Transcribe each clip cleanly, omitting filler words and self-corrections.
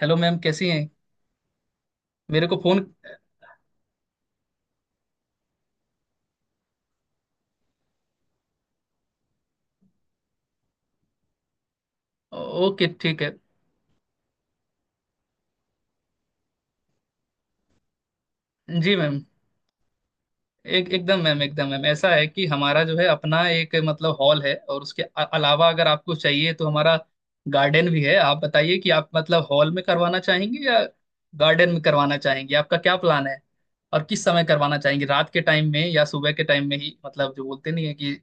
Hello ma'am, कैसी हैं? मेरे को फोन। ओके, ठीक है। जी मैम। एक एकदम मैम ऐसा है कि हमारा जो है अपना एक मतलब हॉल है, और उसके अलावा अगर आपको चाहिए तो हमारा गार्डन भी है। आप बताइए कि आप मतलब हॉल में करवाना चाहेंगे या गार्डन में करवाना चाहेंगे, आपका क्या प्लान है? और किस समय करवाना चाहेंगे, रात के टाइम में या सुबह के टाइम में ही, मतलब जो बोलते नहीं है कि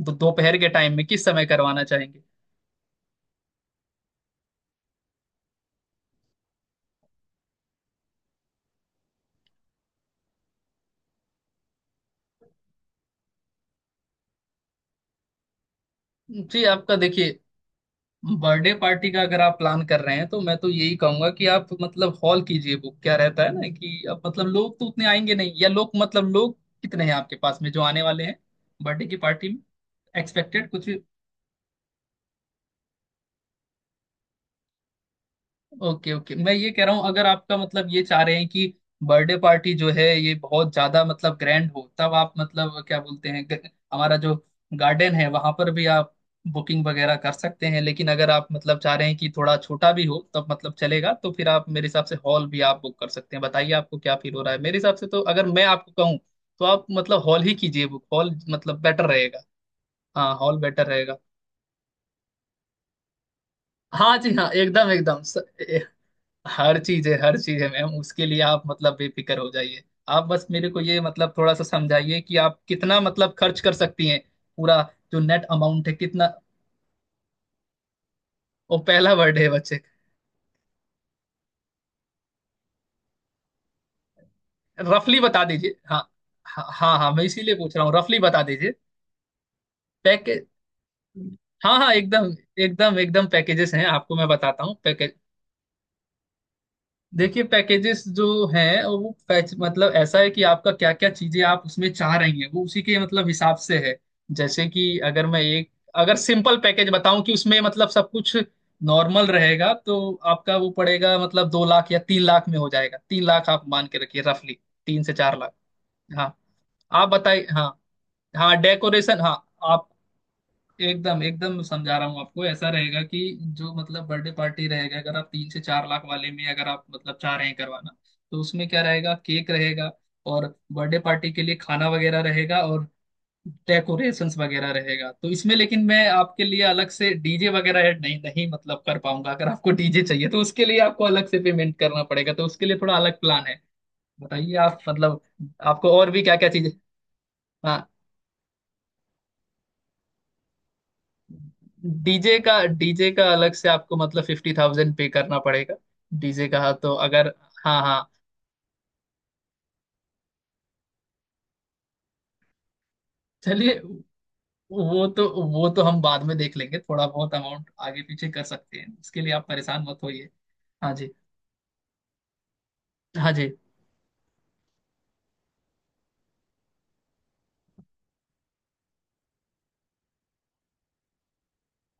दोपहर के टाइम में, किस समय करवाना चाहेंगे? जी, आपका देखिए बर्थडे पार्टी का अगर आप प्लान कर रहे हैं तो मैं तो यही कहूंगा कि आप मतलब हॉल कीजिए बुक। क्या रहता है ना कि अब मतलब लोग तो उतने आएंगे नहीं, या लोग मतलब लोग कितने हैं आपके पास में जो आने वाले हैं बर्थडे की पार्टी में एक्सपेक्टेड कुछ? ओके ओके, मैं ये कह रहा हूँ अगर आपका मतलब ये चाह रहे हैं कि बर्थडे पार्टी जो है ये बहुत ज्यादा मतलब ग्रैंड हो, तब आप मतलब क्या बोलते हैं हमारा जो गार्डन है वहां पर भी आप बुकिंग वगैरह कर सकते हैं। लेकिन अगर आप मतलब चाह रहे हैं कि थोड़ा छोटा भी हो तब मतलब चलेगा, तो फिर आप मेरे हिसाब से हॉल भी आप बुक कर सकते हैं। बताइए आपको क्या फील हो रहा है? मेरे हिसाब से तो अगर मैं आपको कहूँ तो आप मतलब हॉल ही कीजिए बुक, हॉल मतलब बेटर रहेगा। हाँ, हॉल बेटर रहेगा। हाँ जी हाँ, एकदम एकदम, हर चीज है, हर चीज है मैम, उसके लिए आप मतलब बेफिक्र हो जाइए। आप बस मेरे को ये मतलब थोड़ा सा समझाइए कि आप कितना मतलब खर्च कर सकती हैं, पूरा जो नेट अमाउंट है कितना? वो पहला बर्थडे है बच्चे, रफली बता दीजिए। हाँ हाँ हाँ हाँ, मैं इसीलिए पूछ रहा हूँ, रफली बता दीजिए। पैकेज, हाँ हाँ एकदम, एकदम एकदम पैकेजेस हैं, आपको मैं बताता हूँ। देखिए, पैकेजेस जो है वो पैच मतलब ऐसा है कि आपका क्या क्या चीजें आप उसमें चाह रही हैं, वो उसी के मतलब हिसाब से है। जैसे कि अगर मैं एक, अगर सिंपल पैकेज बताऊं कि उसमें मतलब सब कुछ नॉर्मल रहेगा, तो आपका वो पड़ेगा मतलब दो लाख या तीन लाख में हो जाएगा। तीन लाख आप मान के रखिए रफली, तीन से चार लाख। हाँ, आप बताइए, हाँ, हाँ डेकोरेशन, हाँ। आप एकदम एकदम समझा रहा हूँ आपको, ऐसा रहेगा कि जो मतलब बर्थडे पार्टी रहेगा, अगर आप तीन से चार लाख वाले में अगर आप मतलब चाह रहे हैं करवाना, तो उसमें क्या रहेगा, केक रहेगा, और बर्थडे पार्टी के लिए खाना वगैरह रहेगा, और डेकोरेशंस वगैरह रहेगा। तो इसमें लेकिन मैं आपके लिए अलग से डीजे वगैरह ऐड नहीं, नहीं मतलब कर पाऊंगा। अगर आपको डीजे चाहिए तो उसके लिए आपको अलग से पेमेंट करना पड़ेगा, तो उसके लिए थोड़ा अलग प्लान है। बताइए, आप मतलब आपको और भी क्या क्या चीजें? डीजे का, डीजे का अलग से आपको मतलब फिफ्टी थाउजेंड पे करना पड़ेगा डीजे का। हाँ, तो अगर हाँ हाँ, चलिए, वो तो हम बाद में देख लेंगे, थोड़ा बहुत अमाउंट आगे पीछे कर सकते हैं, उसके लिए आप परेशान मत होइए। हाँ जी हाँ जी,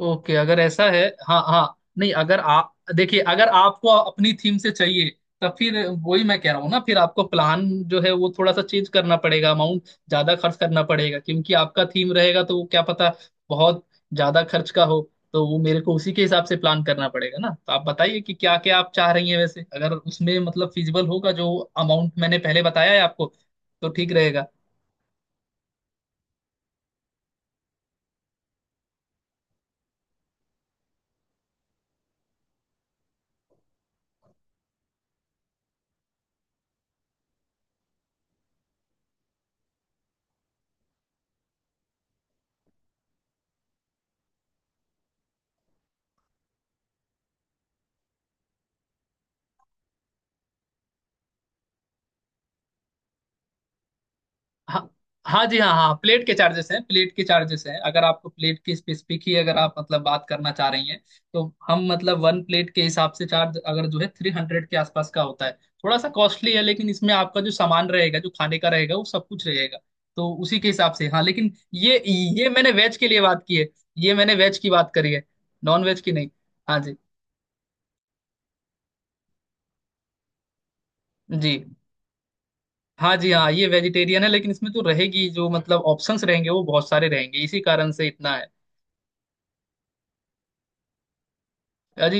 ओके, अगर ऐसा है हाँ हाँ, नहीं अगर आप देखिए, अगर आपको अपनी थीम से चाहिए तब फिर वही मैं कह रहा हूँ ना, फिर आपको प्लान जो है वो थोड़ा सा चेंज करना पड़ेगा, अमाउंट ज्यादा खर्च करना पड़ेगा, क्योंकि आपका थीम रहेगा तो वो क्या पता बहुत ज्यादा खर्च का हो, तो वो मेरे को उसी के हिसाब से प्लान करना पड़ेगा ना। तो आप बताइए कि क्या क्या आप चाह रही हैं, वैसे अगर उसमें मतलब फिजिबल होगा जो अमाउंट मैंने पहले बताया है आपको तो ठीक रहेगा। हाँ, हाँ जी हाँ हाँ, प्लेट के चार्जेस हैं, प्लेट के चार्जेस हैं। अगर आपको प्लेट की स्पेसिफिक ही अगर आप मतलब बात करना चाह रही हैं, तो हम मतलब वन प्लेट के हिसाब से चार्ज अगर जो है थ्री हंड्रेड के आसपास का होता है, थोड़ा सा कॉस्टली है, लेकिन इसमें आपका जो सामान रहेगा, जो खाने का रहेगा वो सब कुछ रहेगा, तो उसी के हिसाब से। हाँ, लेकिन ये मैंने वेज के लिए बात की है, ये मैंने वेज की बात करी है, नॉन वेज की नहीं। हाँ जी, जी, हाँ जी हाँ, ये वेजिटेरियन है, लेकिन इसमें तो रहेगी जो मतलब ऑप्शंस रहेंगे वो बहुत सारे रहेंगे, इसी कारण से इतना है। हाँ जी,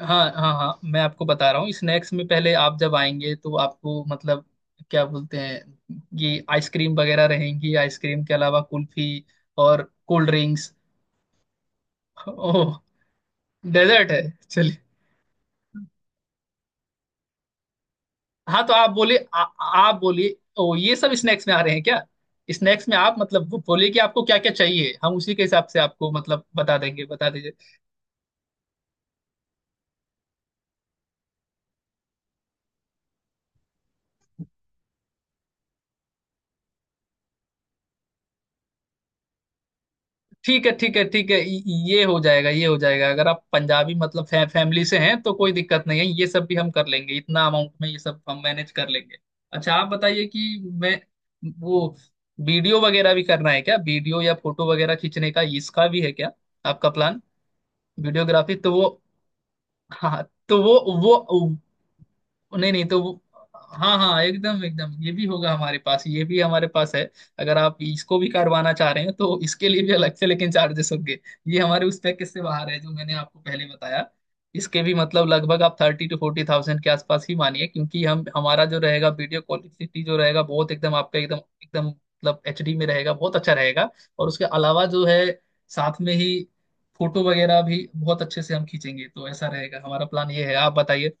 हाँ हाँ हाँ, मैं आपको बता रहा हूँ। स्नैक्स में पहले आप जब आएंगे तो आपको मतलब क्या बोलते हैं, ये आइसक्रीम वगैरह रहेंगी, आइसक्रीम के अलावा कुल्फी, और कोल्ड ड्रिंक्स। ओह, डेजर्ट है, चलिए। हाँ तो आप बोले आप बोलिए, ओ ये सब स्नैक्स में आ रहे हैं क्या? स्नैक्स में आप मतलब वो बोलिए कि आपको क्या क्या चाहिए, हम उसी के हिसाब से आपको मतलब बता देंगे, बता दीजिए। ठीक है ठीक है ठीक है ये हो जाएगा अगर आप पंजाबी मतलब फैमिली से हैं तो कोई दिक्कत नहीं है, ये सब भी हम कर लेंगे, इतना अमाउंट में ये सब हम मैनेज कर लेंगे। अच्छा, आप बताइए कि मैं, वो वीडियो वगैरह भी करना है क्या, वीडियो या फोटो वगैरह खींचने का, इसका भी है क्या आपका प्लान? वीडियोग्राफी तो वो, हाँ तो वो नहीं नहीं तो हाँ हाँ एकदम एकदम, ये भी होगा हमारे पास, ये भी हमारे पास है। अगर आप इसको भी करवाना चाह रहे हैं तो इसके लिए भी अलग से लेकिन चार्जेस होंगे, ये हमारे उस पैकेज से बाहर है जो मैंने आपको पहले बताया। इसके भी मतलब लगभग आप थर्टी टू फोर्टी थाउजेंड के आसपास ही मानिए, क्योंकि हम, हमारा जो रहेगा वीडियो क्वालिटी जो रहेगा बहुत एकदम आपका एकदम एकदम मतलब एचडी में रहेगा, बहुत अच्छा रहेगा। और उसके अलावा जो है साथ में ही फोटो वगैरह भी बहुत अच्छे से हम खींचेंगे, तो ऐसा रहेगा हमारा प्लान, ये है, आप बताइए।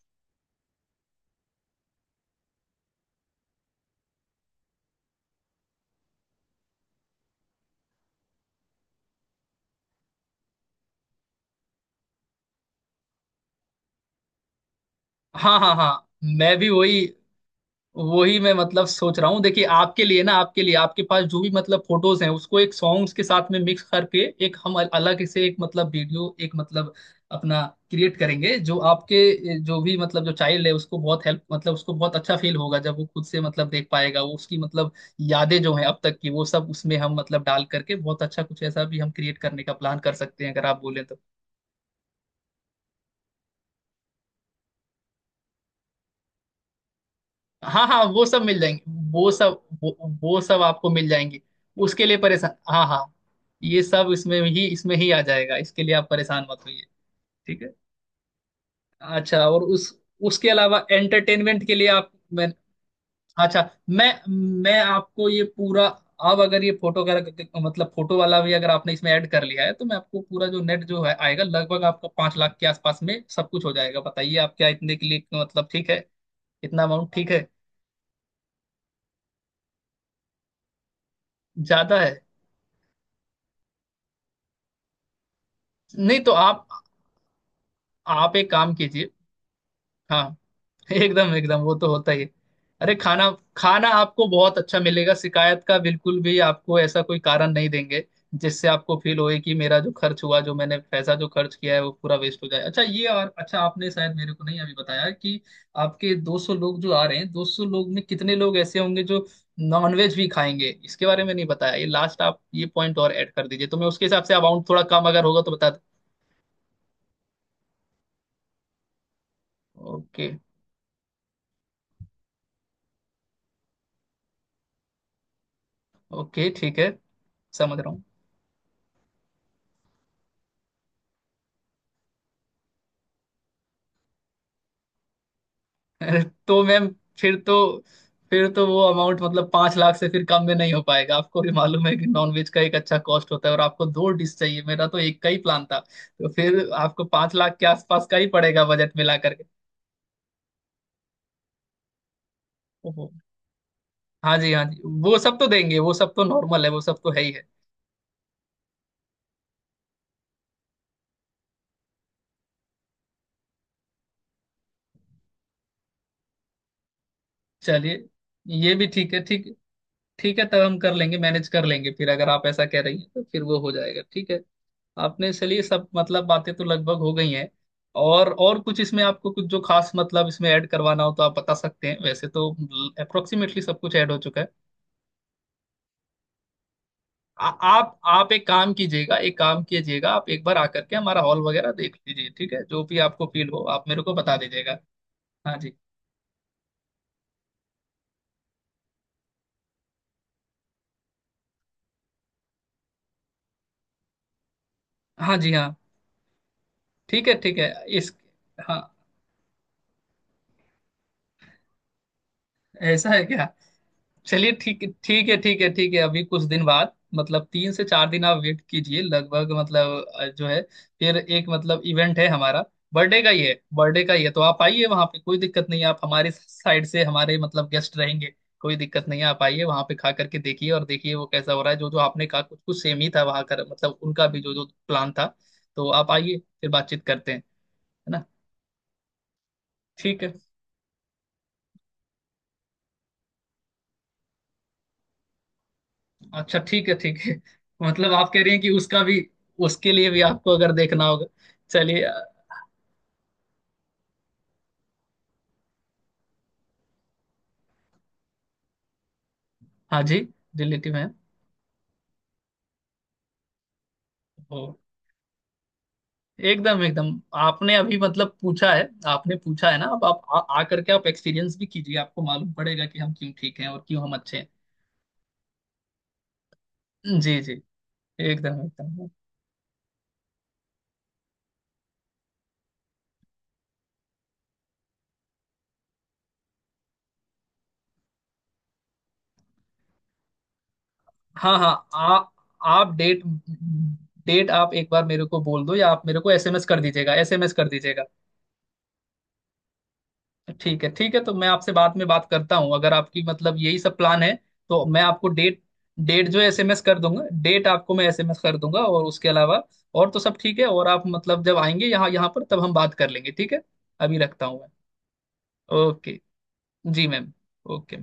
हाँ हाँ हाँ, मैं भी वही, मैं मतलब सोच रहा हूँ, देखिए, आपके लिए ना, आपके लिए आपके पास जो भी मतलब फोटोज हैं उसको एक सॉन्ग्स के साथ में मिक्स करके, एक हम अलग से एक मतलब वीडियो, एक मतलब अपना क्रिएट करेंगे, जो आपके जो भी मतलब जो चाइल्ड है उसको बहुत हेल्प मतलब उसको बहुत अच्छा फील होगा जब वो खुद से मतलब देख पाएगा। वो उसकी मतलब यादें जो हैं अब तक की, वो सब उसमें हम मतलब डाल करके, बहुत अच्छा कुछ ऐसा भी हम क्रिएट करने का प्लान कर सकते हैं, अगर आप बोले तो। हाँ हाँ, वो सब मिल जाएंगे, वो सब वो, वो सब आपको मिल जाएंगे उसके लिए। परेशान हाँ हाँ, ये सब इसमें ही आ जाएगा, इसके लिए आप परेशान मत होइए। ठीक है। अच्छा, और उस उसके अलावा एंटरटेनमेंट के लिए आप, मैं, अच्छा मैं मैं आपको ये पूरा, अब अगर ये फोटो का मतलब फोटो वाला भी अगर आपने इसमें ऐड कर लिया है तो मैं आपको पूरा जो नेट जो है आएगा लगभग आपका पांच लाख के आसपास में सब कुछ हो जाएगा। बताइए आप, क्या इतने के लिए मतलब ठीक है, इतना अमाउंट ठीक है? ज्यादा है, नहीं तो आप एक काम कीजिए। हाँ एकदम एकदम, वो तो होता ही है। अरे, खाना, खाना आपको बहुत अच्छा मिलेगा, शिकायत का बिल्कुल भी आपको ऐसा कोई कारण नहीं देंगे जिससे आपको फील होए कि मेरा जो खर्च हुआ, जो मैंने पैसा जो खर्च किया है वो पूरा वेस्ट हो जाए। अच्छा ये, और अच्छा आपने शायद मेरे को नहीं अभी बताया कि आपके 200 लोग जो आ रहे हैं, 200 लोग में कितने लोग ऐसे होंगे जो नॉनवेज भी खाएंगे, इसके बारे में नहीं बताया। ये लास्ट आप ये पॉइंट और ऐड कर दीजिए, तो मैं उसके हिसाब से अमाउंट थोड़ा कम अगर होगा तो बता दें। ओके ओके, ठीक है, समझ रहा हूँ। अरे तो मैम, फिर तो फिर तो वो अमाउंट मतलब पांच लाख से फिर कम में नहीं हो पाएगा। आपको भी मालूम है कि नॉनवेज का एक अच्छा कॉस्ट होता है, और आपको दो डिश चाहिए, मेरा तो एक का ही प्लान था, तो फिर आपको पांच लाख के आसपास का ही पड़ेगा बजट मिला करके। ओहो, हाँ जी हाँ जी, वो सब तो देंगे, वो सब तो नॉर्मल है, वो सब तो है ही है। चलिए, ये भी ठीक है, ठीक, ठीक है तब हम कर लेंगे, मैनेज कर लेंगे, फिर अगर आप ऐसा कह रही हैं तो फिर वो हो जाएगा, ठीक है। आपने चलिए सब मतलब बातें तो लगभग हो गई हैं, और कुछ इसमें आपको कुछ जो खास मतलब इसमें ऐड करवाना हो तो आप बता सकते हैं, वैसे तो अप्रोक्सीमेटली सब कुछ ऐड हो चुका है। आप एक काम कीजिएगा, एक काम कीजिएगा, आप एक बार आकर के हमारा हॉल वगैरह देख लीजिए, ठीक है, जो भी आपको फील हो आप मेरे को बता दीजिएगा। हाँ जी हाँ जी हाँ, ठीक है ठीक है। इस, हाँ ऐसा है क्या, चलिए ठीक, ठीक है ठीक है ठीक है। अभी कुछ दिन बाद मतलब तीन से चार दिन आप वेट कीजिए, लगभग मतलब जो है, फिर एक मतलब इवेंट है हमारा, बर्थडे का ही है, बर्थडे का ही है, तो आप आइए, वहाँ पे कोई दिक्कत नहीं है, आप हमारे साइड से हमारे मतलब गेस्ट रहेंगे, कोई दिक्कत नहीं है, आप आइए वहाँ पे, खा करके देखिए और देखिए वो कैसा हो रहा है। जो जो आपने कहा कुछ कुछ सेम ही था वहाँ कर मतलब उनका भी जो जो प्लान था, तो आप आइए, फिर बातचीत करते हैं, है ना? ठीक है। अच्छा ठीक है ठीक है, मतलब आप कह रही हैं कि उसका भी, उसके लिए भी आपको अगर देखना होगा। चलिए हाँ जी, रिलेटिव है, ओ, एकदम एकदम। आपने अभी मतलब पूछा है, आपने पूछा है ना, अब आप आ करके आप एक्सपीरियंस भी कीजिए, आपको मालूम पड़ेगा कि हम क्यों ठीक हैं और क्यों हम अच्छे हैं, जी जी, एकदम एकदम। हाँ हाँ आप आप डेट, आप एक बार मेरे को बोल दो या आप मेरे को एसएमएस कर दीजिएगा, एसएमएस कर दीजिएगा। ठीक है ठीक है, तो मैं आपसे बाद में बात करता हूँ, अगर आपकी मतलब यही सब प्लान है, तो मैं आपको डेट, जो एसएमएस कर दूंगा, डेट आपको मैं एसएमएस कर दूंगा। और उसके अलावा और तो सब ठीक है, और आप मतलब जब आएंगे यहाँ, पर तब हम बात कर लेंगे, ठीक है। अभी रखता हूँ मैं। ओके, जी मैम, ओके।